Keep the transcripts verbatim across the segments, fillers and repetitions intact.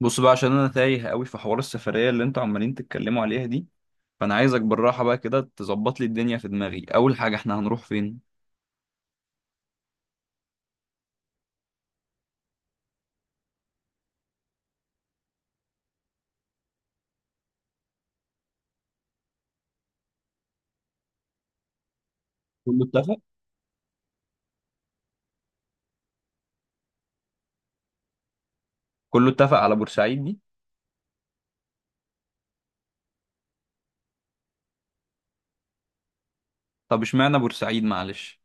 بص بقى عشان انا تايه قوي في حوار السفريه اللي انتوا عمالين تتكلموا عليها دي. فانا عايزك بالراحه بقى كده تظبط لي الدنيا في دماغي. اول حاجه احنا هنروح فين؟ كله اتفق. كله اتفق على بورسعيد دي؟ طب اشمعنى بورسعيد؟ معلش.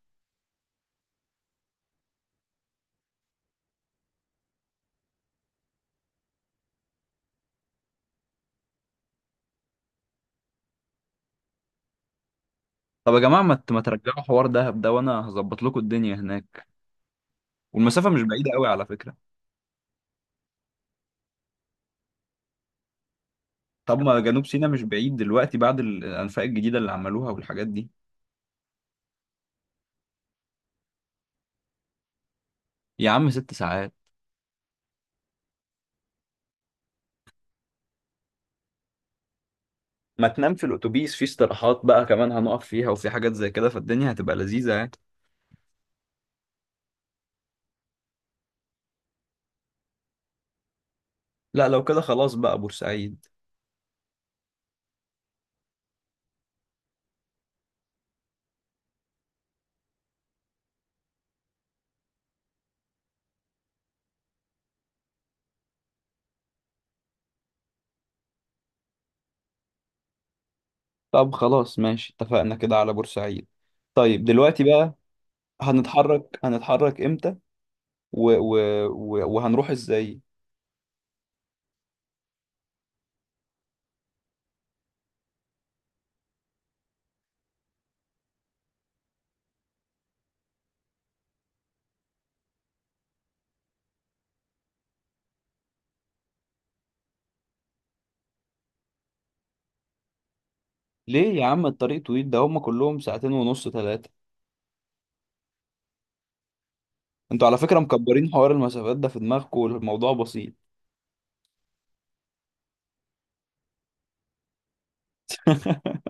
طب يا جماعه ما ت- ما ترجعوا حوار دهب ده وانا هظبط لكم الدنيا هناك. والمسافه مش بعيده قوي على فكره. طب ما جنوب سيناء مش بعيد دلوقتي بعد الانفاق الجديده اللي عملوها والحاجات دي. يا عم ست ساعات. ما تنام في الاتوبيس في استراحات بقى كمان هنقف فيها وفي حاجات زي كده فالدنيا هتبقى لذيذه يعني. لا لو كده خلاص بقى بورسعيد. طب خلاص ماشي اتفقنا كده على بورسعيد. طيب دلوقتي بقى، هنتحرك هنتحرك امتى؟ و... و... و... وهنروح ازاي؟ ليه يا عم الطريق طويل ده؟ هما كلهم ساعتين ونص ثلاثة. انتوا على فكرة مكبرين حوار المسافات ده في دماغكم والموضوع بسيط.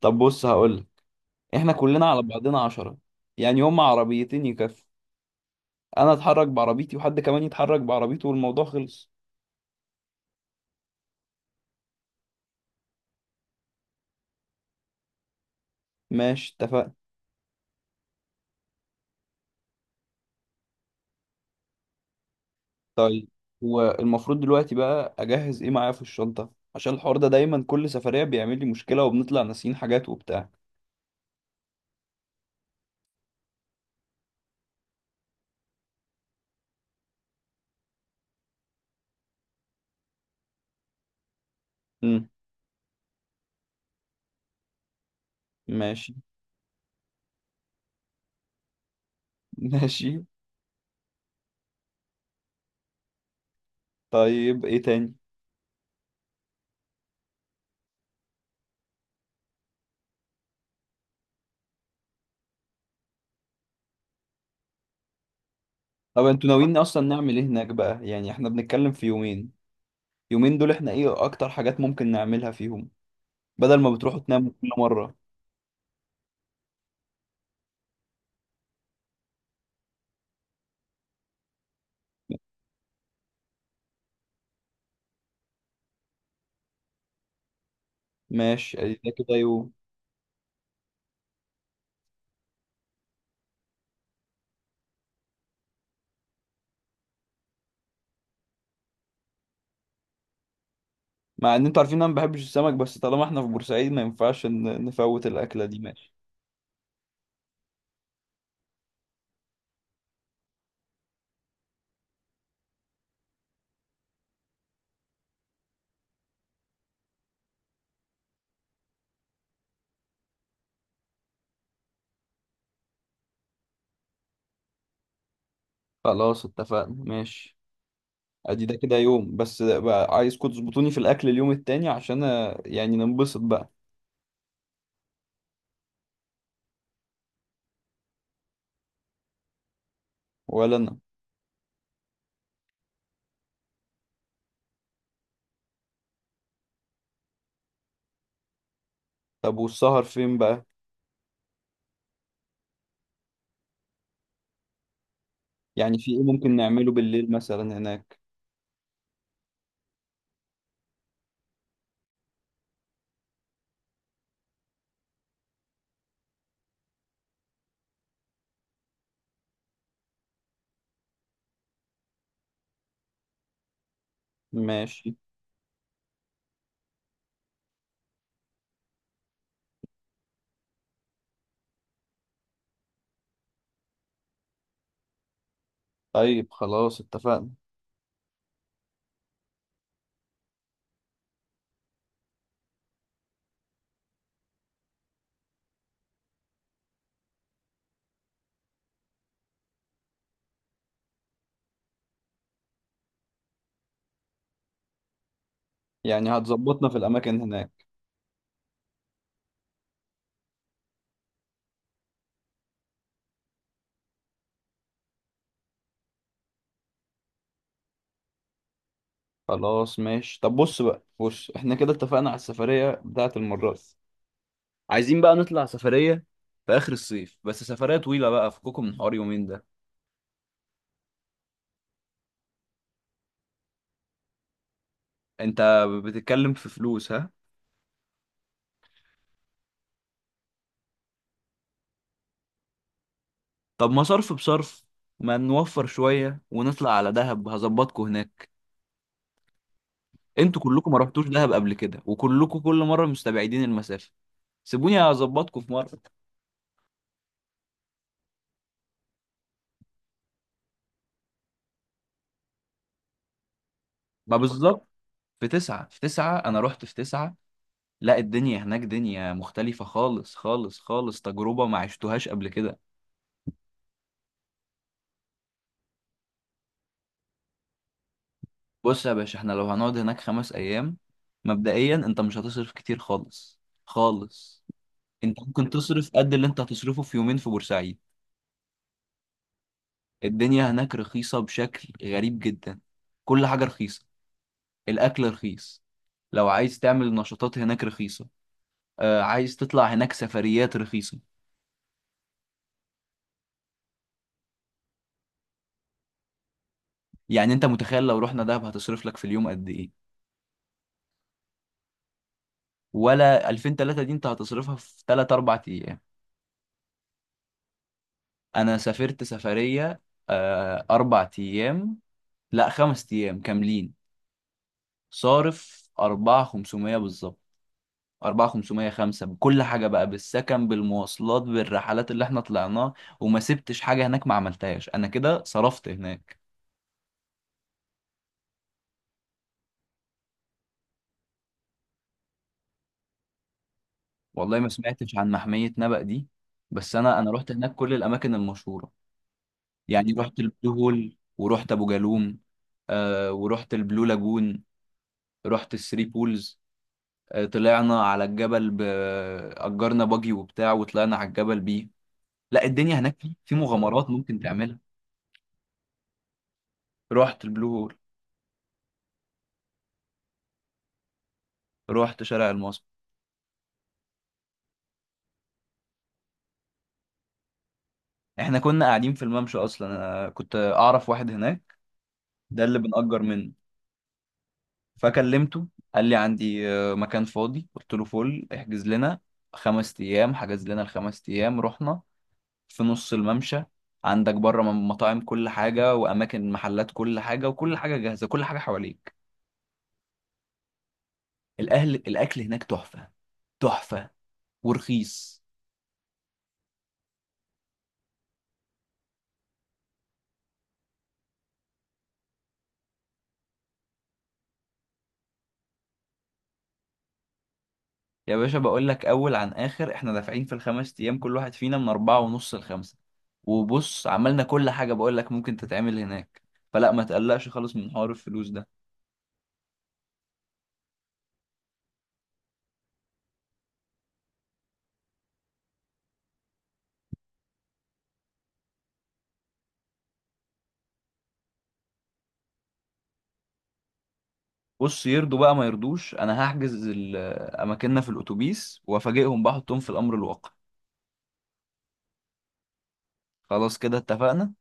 طب بص هقولك، احنا كلنا على بعضنا عشرة. يعني هما عربيتين يكفوا. انا اتحرك بعربيتي وحد كمان يتحرك بعربيته والموضوع خلص. ماشي اتفقنا. طيب هو المفروض دلوقتي بقى اجهز ايه معايا في الشنطه؟ عشان الحوار ده دايما كل سفريه بيعمل لي مشكله وبنطلع ناسيين حاجات وبتاع. امم. ماشي. ماشي. طيب ايه تاني؟ طب انتوا ناويين اصلا نعمل ايه هناك بقى؟ يعني احنا بنتكلم في يومين. يومين دول احنا ايه اكتر حاجات ممكن نعملها فيهم؟ بدل ما بتروحوا تناموا كل مره. ماشي ادي ده كده يوم. مع ان انتوا عارفين انا ما بحبش السمك، بس طالما احنا في بورسعيد ما ينفعش ن- نفوت الاكله دي. ماشي. خلاص اتفقنا. ماشي. ادي ده كده يوم، بس بقى عايزكم تظبطوني في الاكل اليوم التاني عشان أ- يعني ننبسط بقى. ولا انا. طب والسهر فين بقى؟ يعني في ايه ممكن نعمله بالليل مثلا هناك؟ ماشي. طيب خلاص اتفقنا. يعني هتظبطنا في الاماكن هناك. خلاص ماشي. طب بص بقى، بص احنا كده اتفقنا على السفرية بتاعة المرة دي. عايزين بقى نطلع سفرية في اخر الصيف، بس سفرية طويلة بقى، فككم من حوار يومين ده. انت بتتكلم في فلوس؟ ها. طب ما صرف بصرف. ما نوفر شوية ونطلع على دهب، هظبطكم هناك. انتوا كلكم ما رحتوش دهب قبل كده وكلكم كل مرة مستبعدين المسافة. سيبوني هظبطكم في مرة. ما بالظبط. في تسعة في تسعة انا رحت في تسعة. لا، الدنيا هناك دنيا مختلفة خالص خالص خالص. تجربة ما عشتوهاش قبل كده. بص يا باشا، احنا لو هنقعد هناك خمس ايام، مبدئيا انت مش هتصرف كتير خالص خالص. انت ممكن تصرف قد اللي انت هتصرفه في يومين في بورسعيد. الدنيا هناك رخيصة بشكل غريب جدا. كل حاجة رخيصة. الأكل رخيص. لو عايز تعمل نشاطات هناك رخيصة. آه، عايز تطلع هناك سفريات رخيصة. يعني انت متخيل لو رحنا دهب هتصرف لك في اليوم قد ايه؟ ولا ألفين ثلاثة؟ دي انت هتصرفها في تلاتة أربعة ايام. انا سافرت سفرية، آه أربعة ايام، لا خمس ايام كاملين، صارف أربعة خمسمية بالظبط. أربعة خمسمية خمسة بكل حاجة بقى، بالسكن بالمواصلات بالرحلات اللي احنا طلعناها. وما سبتش حاجة هناك ما عملتهاش. أنا كده صرفت هناك. والله ما سمعتش عن محمية نبأ دي. بس أنا أنا رحت هناك كل الأماكن المشهورة. يعني رحت البلو هول ورحت أبو جالوم. آه ورحت البلو لاجون. رحت الثري بولز. آه طلعنا على الجبل ب... أجرنا باجي وبتاع وطلعنا على الجبل بيه. لا، الدنيا هناك في في مغامرات ممكن تعملها. رحت البلو هول. رحت شارع المصب. احنا كنا قاعدين في الممشى اصلا. انا كنت اعرف واحد هناك، ده اللي بنأجر منه. فكلمته، قال لي عندي آه، مكان فاضي، قلت له فل احجز لنا خمس ايام. حجز لنا الخمس ايام، رحنا في نص الممشى. عندك بره م- مطاعم كل حاجة وأماكن محلات كل حاجة، وكل حاجة جاهزة، كل حاجة حواليك. الأهل الأكل هناك تحفة. تحفة. ورخيص. يا باشا بقول لك اول عن اخر احنا دافعين في الخمس ايام كل واحد فينا من اربعة ونص لخمسة. وبص عملنا كل حاجة بقول لك ممكن تتعمل هناك. فلا ما تقلقش خالص من حوار الفلوس ده. بص، يرضوا بقى ما يرضوش، انا هحجز ال- اماكننا في الاتوبيس وافاجئهم بحطهم في الامر الواقع. خلاص كده اتفقنا.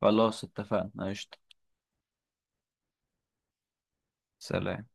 خلاص اتفقنا قشطة. سلام.